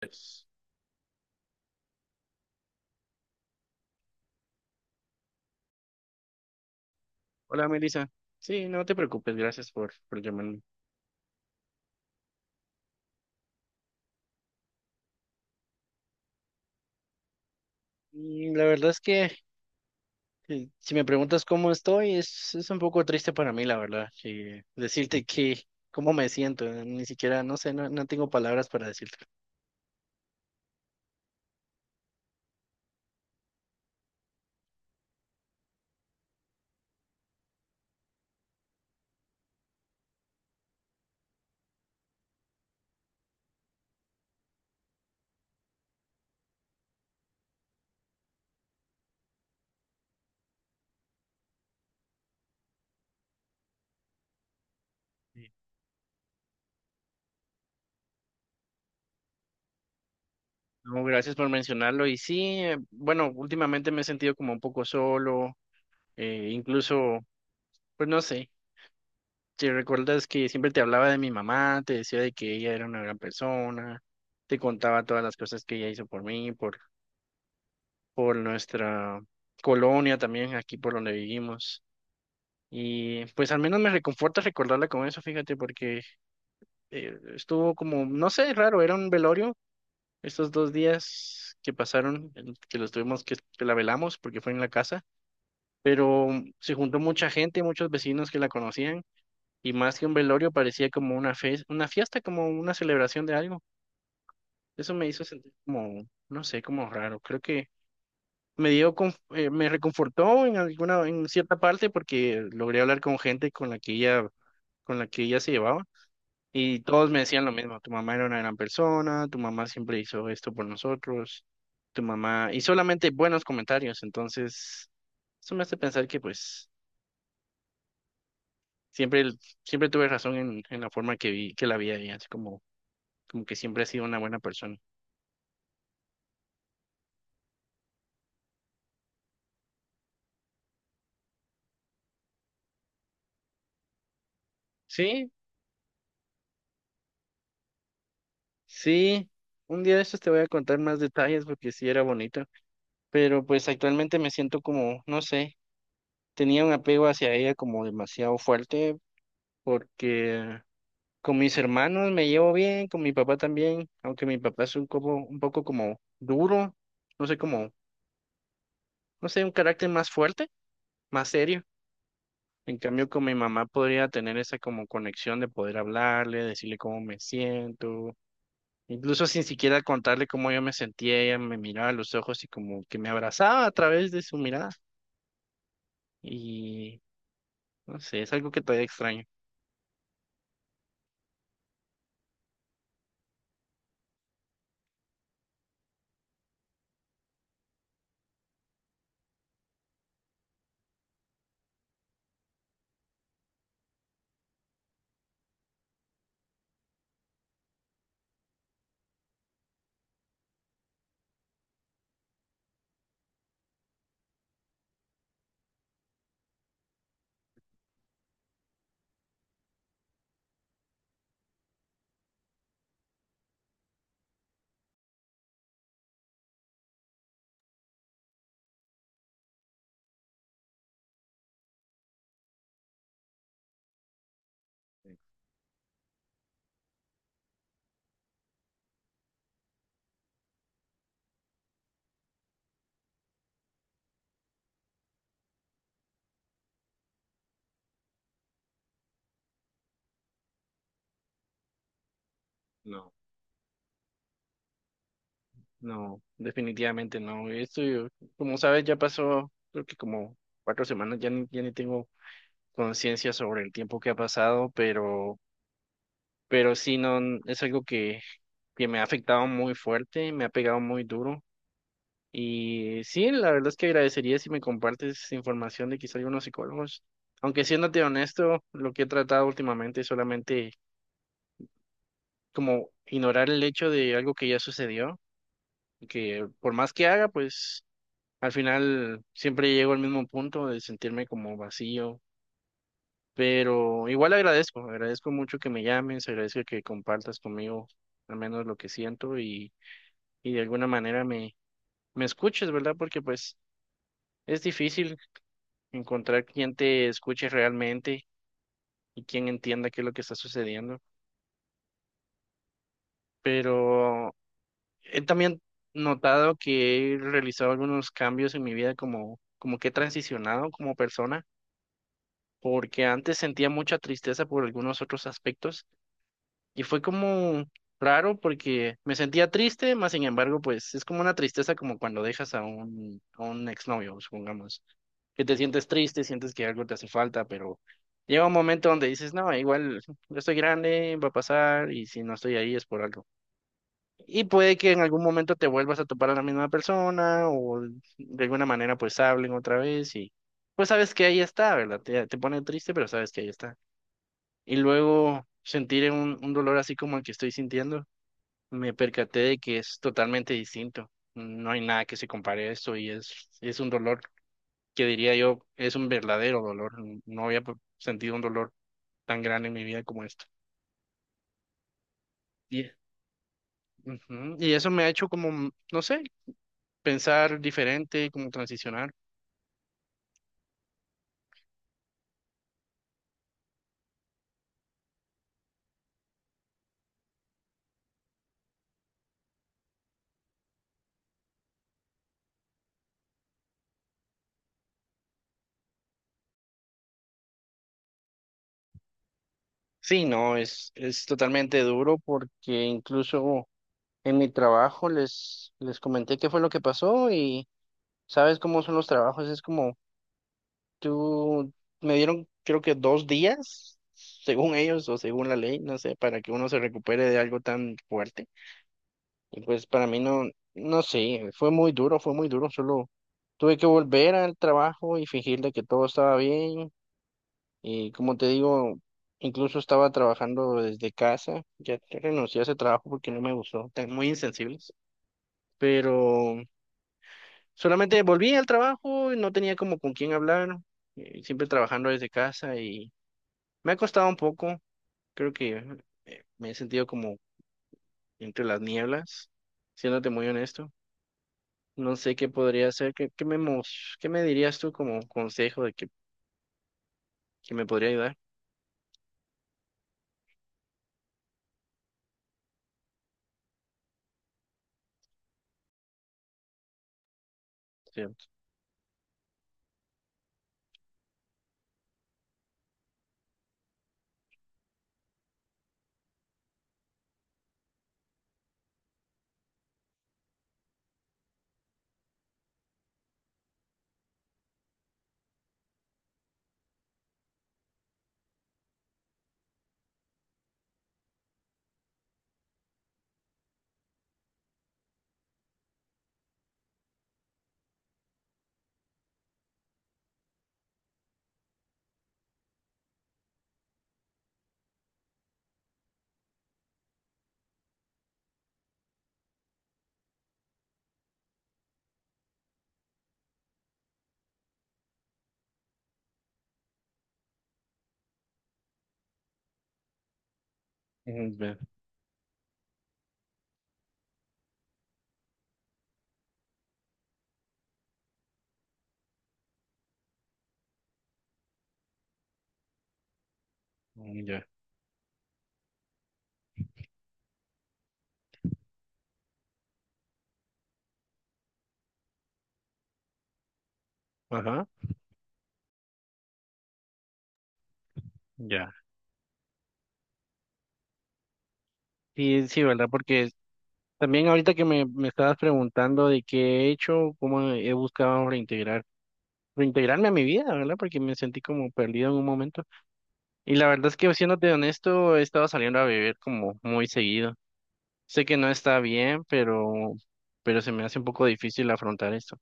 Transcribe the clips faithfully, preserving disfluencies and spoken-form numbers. Pues, hola, Melissa. Sí, no te preocupes, gracias por, por llamarme. Mm, La verdad es que eh, si me preguntas cómo estoy, es, es un poco triste para mí, la verdad, que decirte que cómo me siento, eh, ni siquiera, no sé, no, no tengo palabras para decirte. Sí. No, gracias por mencionarlo. Y sí, eh, bueno, últimamente me he sentido como un poco solo, eh, incluso, pues no sé, si recuerdas que siempre te hablaba de mi mamá, te decía de que ella era una gran persona, te contaba todas las cosas que ella hizo por mí, por por nuestra colonia también, aquí por donde vivimos. Y pues al menos me reconforta recordarla con eso, fíjate, porque eh, estuvo como, no sé, raro, era un velorio estos dos días que pasaron, en que los tuvimos que, que la velamos porque fue en la casa, pero se juntó mucha gente, muchos vecinos que la conocían, y más que un velorio parecía como una fe, una fiesta, como una celebración de algo. Eso me hizo sentir como, no sé, como raro. Creo que me dio, conf- eh, me reconfortó en alguna, en cierta parte porque logré hablar con gente con la que ella, con la que ella se llevaba y todos me decían lo mismo, tu mamá era una gran persona, tu mamá siempre hizo esto por nosotros, tu mamá, y solamente buenos comentarios, entonces eso me hace pensar que pues siempre, el- siempre tuve razón en, en la forma que vi, que la vi a ella, así como, como que siempre ha sido una buena persona. Sí, sí, un día de estos te voy a contar más detalles porque sí era bonita. Pero pues actualmente me siento como, no sé, tenía un apego hacia ella como demasiado fuerte porque con mis hermanos me llevo bien, con mi papá también, aunque mi papá es un poco, un poco como duro, no sé, como, no sé, un carácter más fuerte, más serio. En cambio, con mi mamá podría tener esa como conexión de poder hablarle, decirle cómo me siento, incluso sin siquiera contarle cómo yo me sentía, ella me miraba a los ojos y como que me abrazaba a través de su mirada. Y no sé, es algo que todavía extraño. No, no, definitivamente no. Esto, yo- como sabes, ya pasó, creo que como cuatro semanas, ya ni, ya ni tengo conciencia sobre el tiempo que ha pasado, pero, pero sí, no, n- es algo que, que me ha afectado muy fuerte, me ha pegado muy duro. Y sí, la verdad es que agradecería si me compartes información de quizá algunos psicólogos. Aunque siéndote honesto, lo que he tratado últimamente es solamente como ignorar el hecho de algo que ya sucedió, que por más que haga, pues al final siempre llego al mismo punto de sentirme como vacío, pero igual agradezco, agradezco mucho que me llames, agradezco que compartas conmigo al menos lo que siento y, y de alguna manera me, me escuches, ¿verdad? Porque pues es difícil encontrar quien te escuche realmente y quien entienda qué es lo que está sucediendo, pero he también notado que he realizado algunos cambios en mi vida como, como que he transicionado como persona porque antes sentía mucha tristeza por algunos otros aspectos y fue como raro porque me sentía triste, más sin embargo, pues es como una tristeza como cuando dejas a un, a un exnovio, supongamos, que te sientes triste, sientes que algo te hace falta, pero llega un momento donde dices, no, igual yo estoy grande, va a pasar y si no estoy ahí es por algo. Y puede que en algún momento te vuelvas a topar a la misma persona o de alguna manera pues hablen otra vez y pues sabes que ahí está, ¿verdad? Te, te pone triste, pero sabes que ahí está. Y luego sentir un, un dolor así como el que estoy sintiendo, me percaté de que es totalmente distinto. No hay nada que se compare a esto y es, es un dolor que diría yo es un verdadero dolor. No había p- sentido un dolor tan grande en mi vida como esto. Y ujú, y eso me ha hecho como, mm, no sé, pensar diferente, como transicionar. Sí, no, es, es totalmente duro porque incluso en mi trabajo les, les comenté qué fue lo que pasó y sabes cómo son los trabajos, es como tú, me dieron creo que dos días, según ellos o según la ley, no sé, para que uno se recupere de algo tan fuerte. Y pues para mí no, no sé, fue muy duro, fue muy duro, solo tuve que volver al trabajo y fingir de que todo estaba bien. Y como te digo, incluso estaba trabajando desde casa, ya renuncié a ese trabajo porque no me gustó, tan muy insensibles, pero solamente volví al trabajo y no tenía como con quién hablar, eh, siempre trabajando desde casa. Me ha costado un poco, creo que eh, me he sentido como entre las nieblas, siéndote muy honesto. No sé qué podría hacer, qué, qué me, mos- qué me dirías tú como consejo de que, que me podría ayudar. Cierto. Mm, ya. Mm, ya. Ajá, ya. Sí, sí, ¿verdad? Porque también ahorita que me, me estabas preguntando de qué he hecho, cómo he buscado reintegrar, reintegrarme a mi vida, ¿verdad? Porque me sentí como perdido en un momento. Y la verdad es que, siéndote honesto, he estado saliendo a beber como muy seguido. Sé que no está bien, pero, pero se me hace un poco difícil afrontar esto.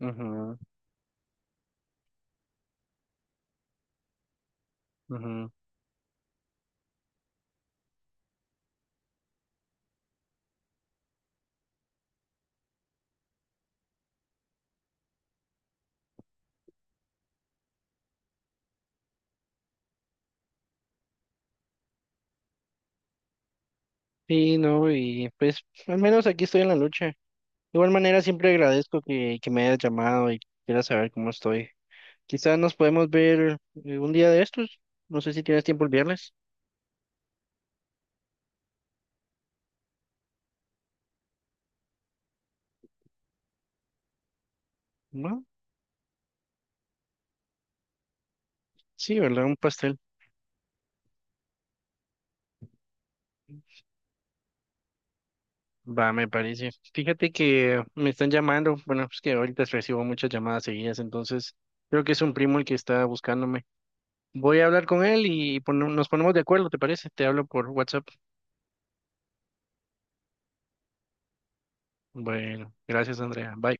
Ujú, ujú. Sí, no, y pues al menos aquí estoy en la lucha. De igual manera, siempre agradezco que, que me hayas llamado y quieras saber cómo estoy. Quizás nos podemos ver eh, un día de estos. No sé si tienes tiempo el viernes. ¿No? Sí, ¿verdad? Un pastel. Va, me parece. Fíjate que me están llamando. Bueno, pues que ahorita recibo muchas llamadas seguidas, entonces creo que es un primo el que está buscándome. Voy a hablar con él y pone- nos ponemos de acuerdo, ¿te parece? Te hablo por WhatsApp. Bueno, gracias, Andrea. Bye.